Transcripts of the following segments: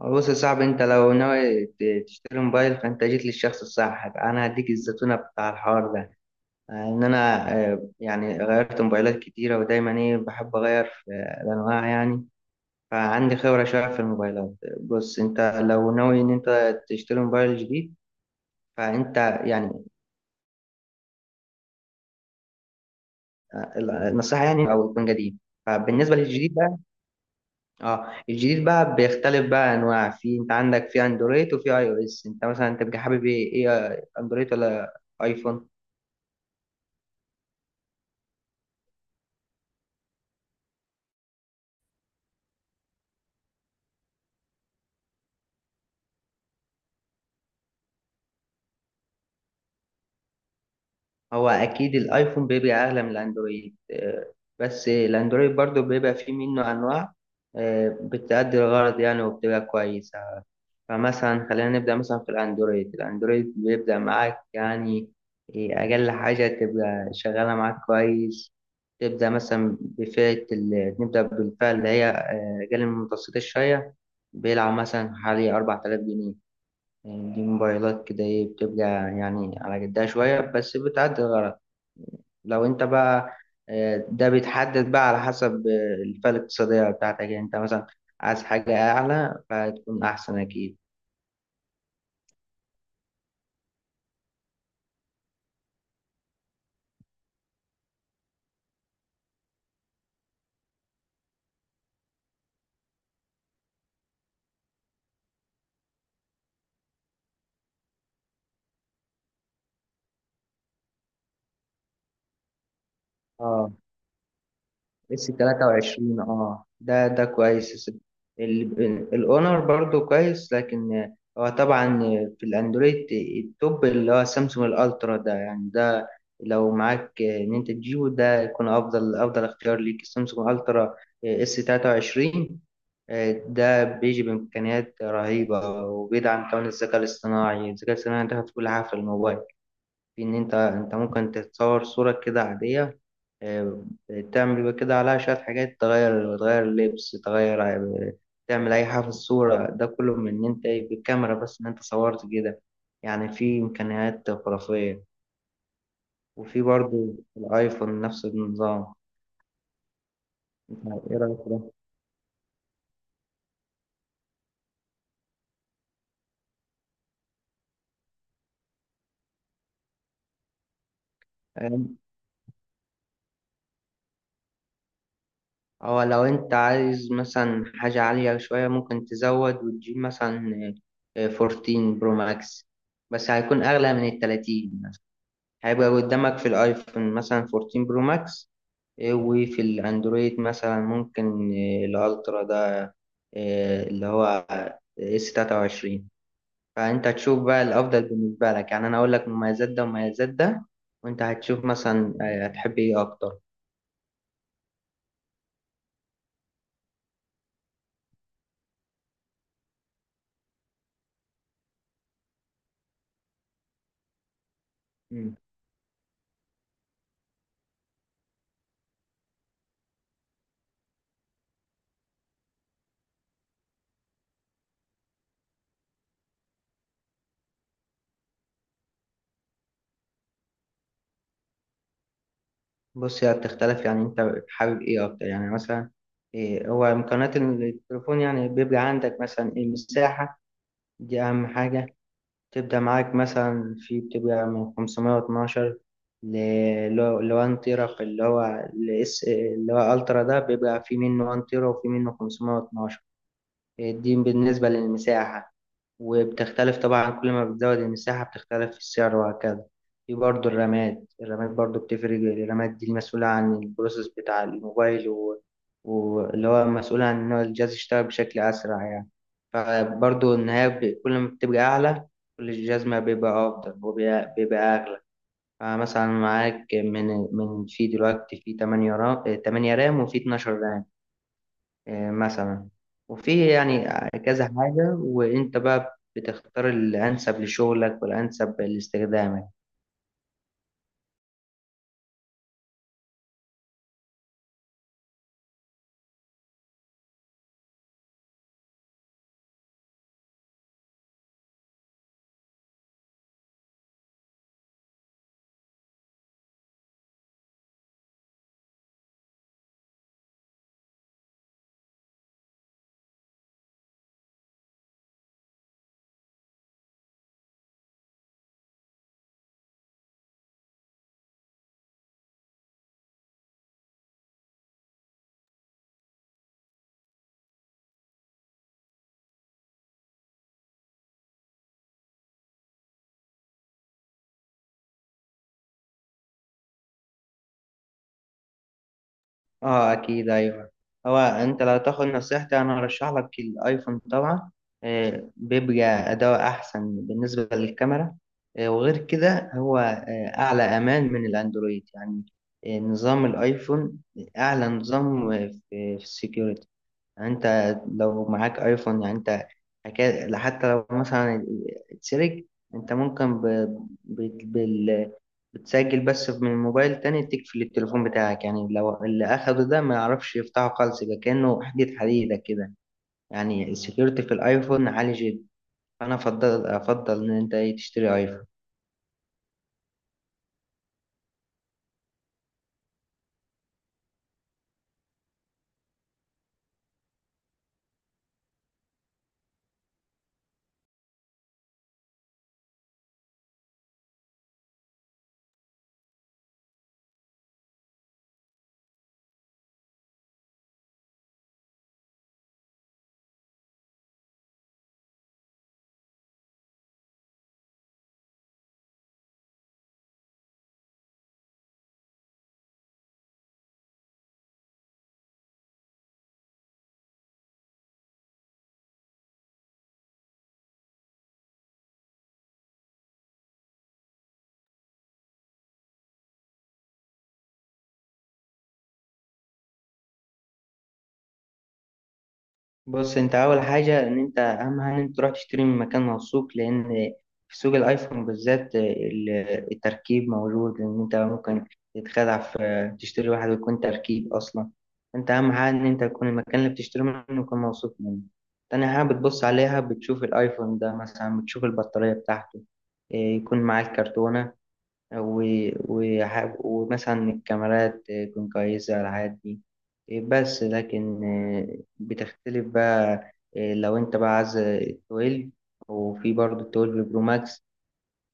بص يا صاحبي، انت لو ناوي تشتري موبايل فانت جيت للشخص الصح. انا هديك الزتونه بتاع الحوار ده. انا يعني غيرت موبايلات كتيره، ودايما ايه، بحب اغير في الانواع يعني. فعندي خبره شويه في الموبايلات. بص انت لو ناوي ان انت تشتري موبايل جديد، فانت يعني آه، النصيحه يعني او يكون جديد. فبالنسبه للجديد بقى، اه الجديد بقى بيختلف بقى انواع. في انت عندك في اندرويد وفي اي او اس. انت مثلا انت بتبقى حابب ايه، ايه اندرويد ولا ايفون؟ هو اكيد الايفون بيبقى اغلى من الاندرويد. بس الاندرويد برضو بيبقى فيه منه انواع بتأدي الغرض يعني، وبتبقى كويسة. فمثلا خلينا نبدأ مثلا في الاندرويد. الاندرويد بيبدأ معاك يعني اقل حاجة تبقى شغالة معاك كويس. تبدأ مثلا نبدأ بالفئة اللي هي أقل من المتوسطة شوية. بيلعب مثلا حوالي 4000 جنيه. يعني دي موبايلات كده، إيه، بتبقى يعني على قدها شوية، بس بتعدي الغرض. لو انت بقى ده بيتحدد بقى على حسب الفئة الاقتصادية بتاعتك. يعني انت مثلا عايز حاجة أعلى، فهتكون أحسن أكيد. اه، اس 23، اه ده، ده كويس. الاونر برضو كويس، لكن هو طبعا في الاندرويد التوب اللي هو سامسونج الالترا ده. يعني ده لو معاك ان انت تجيبه، ده يكون افضل اختيار ليك. سامسونج الترا اس 23 ده بيجي بامكانيات رهيبه، وبيدعم كمان الذكاء الاصطناعي. الذكاء الاصطناعي دخل في كل حاجه في الموبايل. في ان انت، ممكن تتصور صورة كده عادية، آه، تعمل بقى كده عليها شوية حاجات، تغير لبس، تغير تعمل أي حاجة في الصورة. ده كله من إن أنت، إيه، بالكاميرا بس، إن أنت صورت كده. يعني في إمكانيات خرافية. وفي برضو الآيفون نفس النظام. أنت إيه رأيك في ده؟ آم، أو لو أنت عايز مثلا حاجة عالية شوية، ممكن تزود وتجيب مثلا 14 برو ماكس. بس هيكون أغلى من التلاتين. هيبقى قدامك في الايفون مثلا 14 برو ماكس، إيه، وفي الاندرويد مثلا ممكن، إيه، الالترا ده، إيه، اللي هو اس 23. فانت تشوف بقى الافضل بالنسبه لك. يعني انا اقول لك مميزات ده ومميزات ده، وانت هتشوف مثلا هتحب ايه اكتر. مم. بص هي بتختلف يعني. انت حابب ايه اكتر؟ يعني مثلا إيه، هو امكانيات التليفون. يعني بيبقى عندك مثلا المساحه، دي اهم حاجه. تبدأ معاك مثلا في بتبقى من 512 لو 1 تيرا. في اللي هو الاس اللي هو الترا ده، بيبقى في منه 1 تيرا وفي منه 512. دي بالنسبة للمساحة. وبتختلف طبعا، كل ما بتزود المساحة بتختلف في السعر وهكذا. في برضه الرامات. الرامات برضه بتفرق الرامات دي المسؤولة عن البروسيس بتاع الموبايل، واللي هو مسؤول عن إن هو الجهاز يشتغل بشكل أسرع يعني. فبرضه كل ما بتبقى أعلى، كل الجهاز ما بيبقى أفضل، وبيبقى أغلى. فمثلا معاك من في دلوقتي في 8 رام، وفي 12 رام مثلا، وفي يعني كذا حاجة. وانت بقى بتختار الانسب لشغلك والانسب لاستخدامك. اه، اكيد، ايوه. هو انت لو تاخد نصيحتي، انا ارشح لك الايفون طبعا. بيبقى اداء احسن بالنسبة للكاميرا. وغير كده هو اعلى امان من الاندرويد يعني. نظام الايفون اعلى نظام في السكيورتي. يعني انت لو معاك ايفون، يعني انت حتى لو مثلا اتسرق، انت ممكن ب... بال... بتسجل بس من موبايل تاني تقفل التليفون بتاعك. يعني لو اللي اخده ده ما يعرفش يفتحه خالص، يبقى كأنه حديدة كده. يعني السكيورتي في الايفون عالي جدا. فانا افضل ان انت، إيه، تشتري ايفون. بص انت اول حاجه ان انت، اهم حاجه ان انت تروح تشتري من مكان موثوق. لان في سوق الايفون بالذات التركيب موجود. ان انت ممكن تتخدع، في تشتري واحد ويكون تركيب اصلا. انت اهم حاجه ان انت يكون المكان اللي بتشتري منه يكون موثوق منه. تاني حاجه بتبص عليها، بتشوف الايفون ده مثلا، بتشوف البطاريه بتاعته، اه، يكون معاه الكرتونه، ومثلا الكاميرات تكون كويسة، الحاجات دي. بس لكن بتختلف بقى لو انت بقى عايز 12، وفي برضه 12 برو ماكس.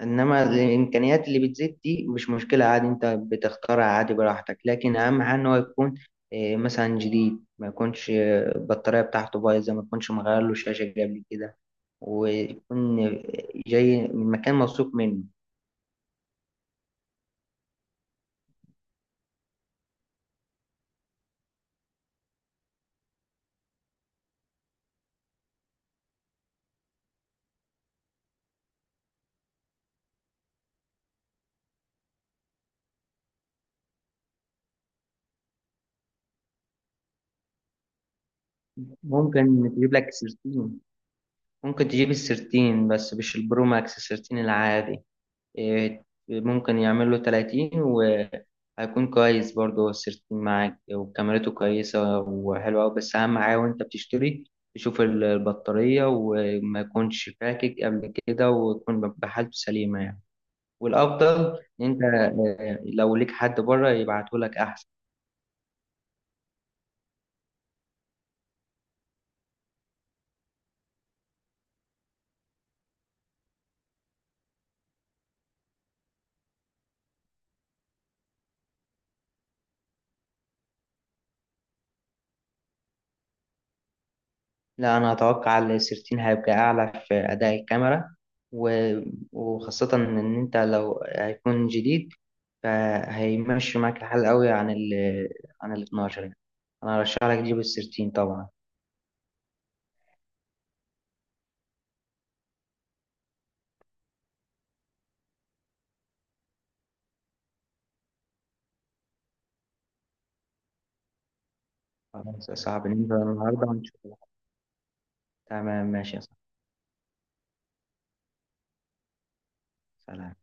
انما الامكانيات اللي بتزيد دي مش مشكلة عادي، انت بتختارها عادي براحتك. لكن اهم حاجة ان هو يكون اه، مثلا جديد، ما يكونش البطارية بتاعته بايظة، ما يكونش مغير له شاشة قبل كده، ويكون جاي من مكان موثوق منه. ممكن تجيب لك 13. ممكن تجيب السيرتين بس مش البرو ماكس، السيرتين العادي. إيه، ممكن يعمل له 30 وهيكون كويس برضه. هو السيرتين معاك وكاميرته كويسة وحلوة أوي. بس أهم حاجة وأنت بتشتري، تشوف البطارية، وما يكونش فاكك قبل كده، وتكون بحالته سليمة يعني. والأفضل إن أنت لو ليك حد بره يبعتهولك أحسن. لا، أنا أتوقع السيرتين هيبقى أعلى في أداء الكاميرا. و- وخاصة إن أنت لو هيكون جديد، فهيمشي معاك الحال قوي عن عن ال 12 يعني. أنا أرشح لك تجيب السيرتين طبعا. خلاص يا صاحبي، ننزل النهاردة ونشوف. تمام، ماشي يا صاحبي. سلام.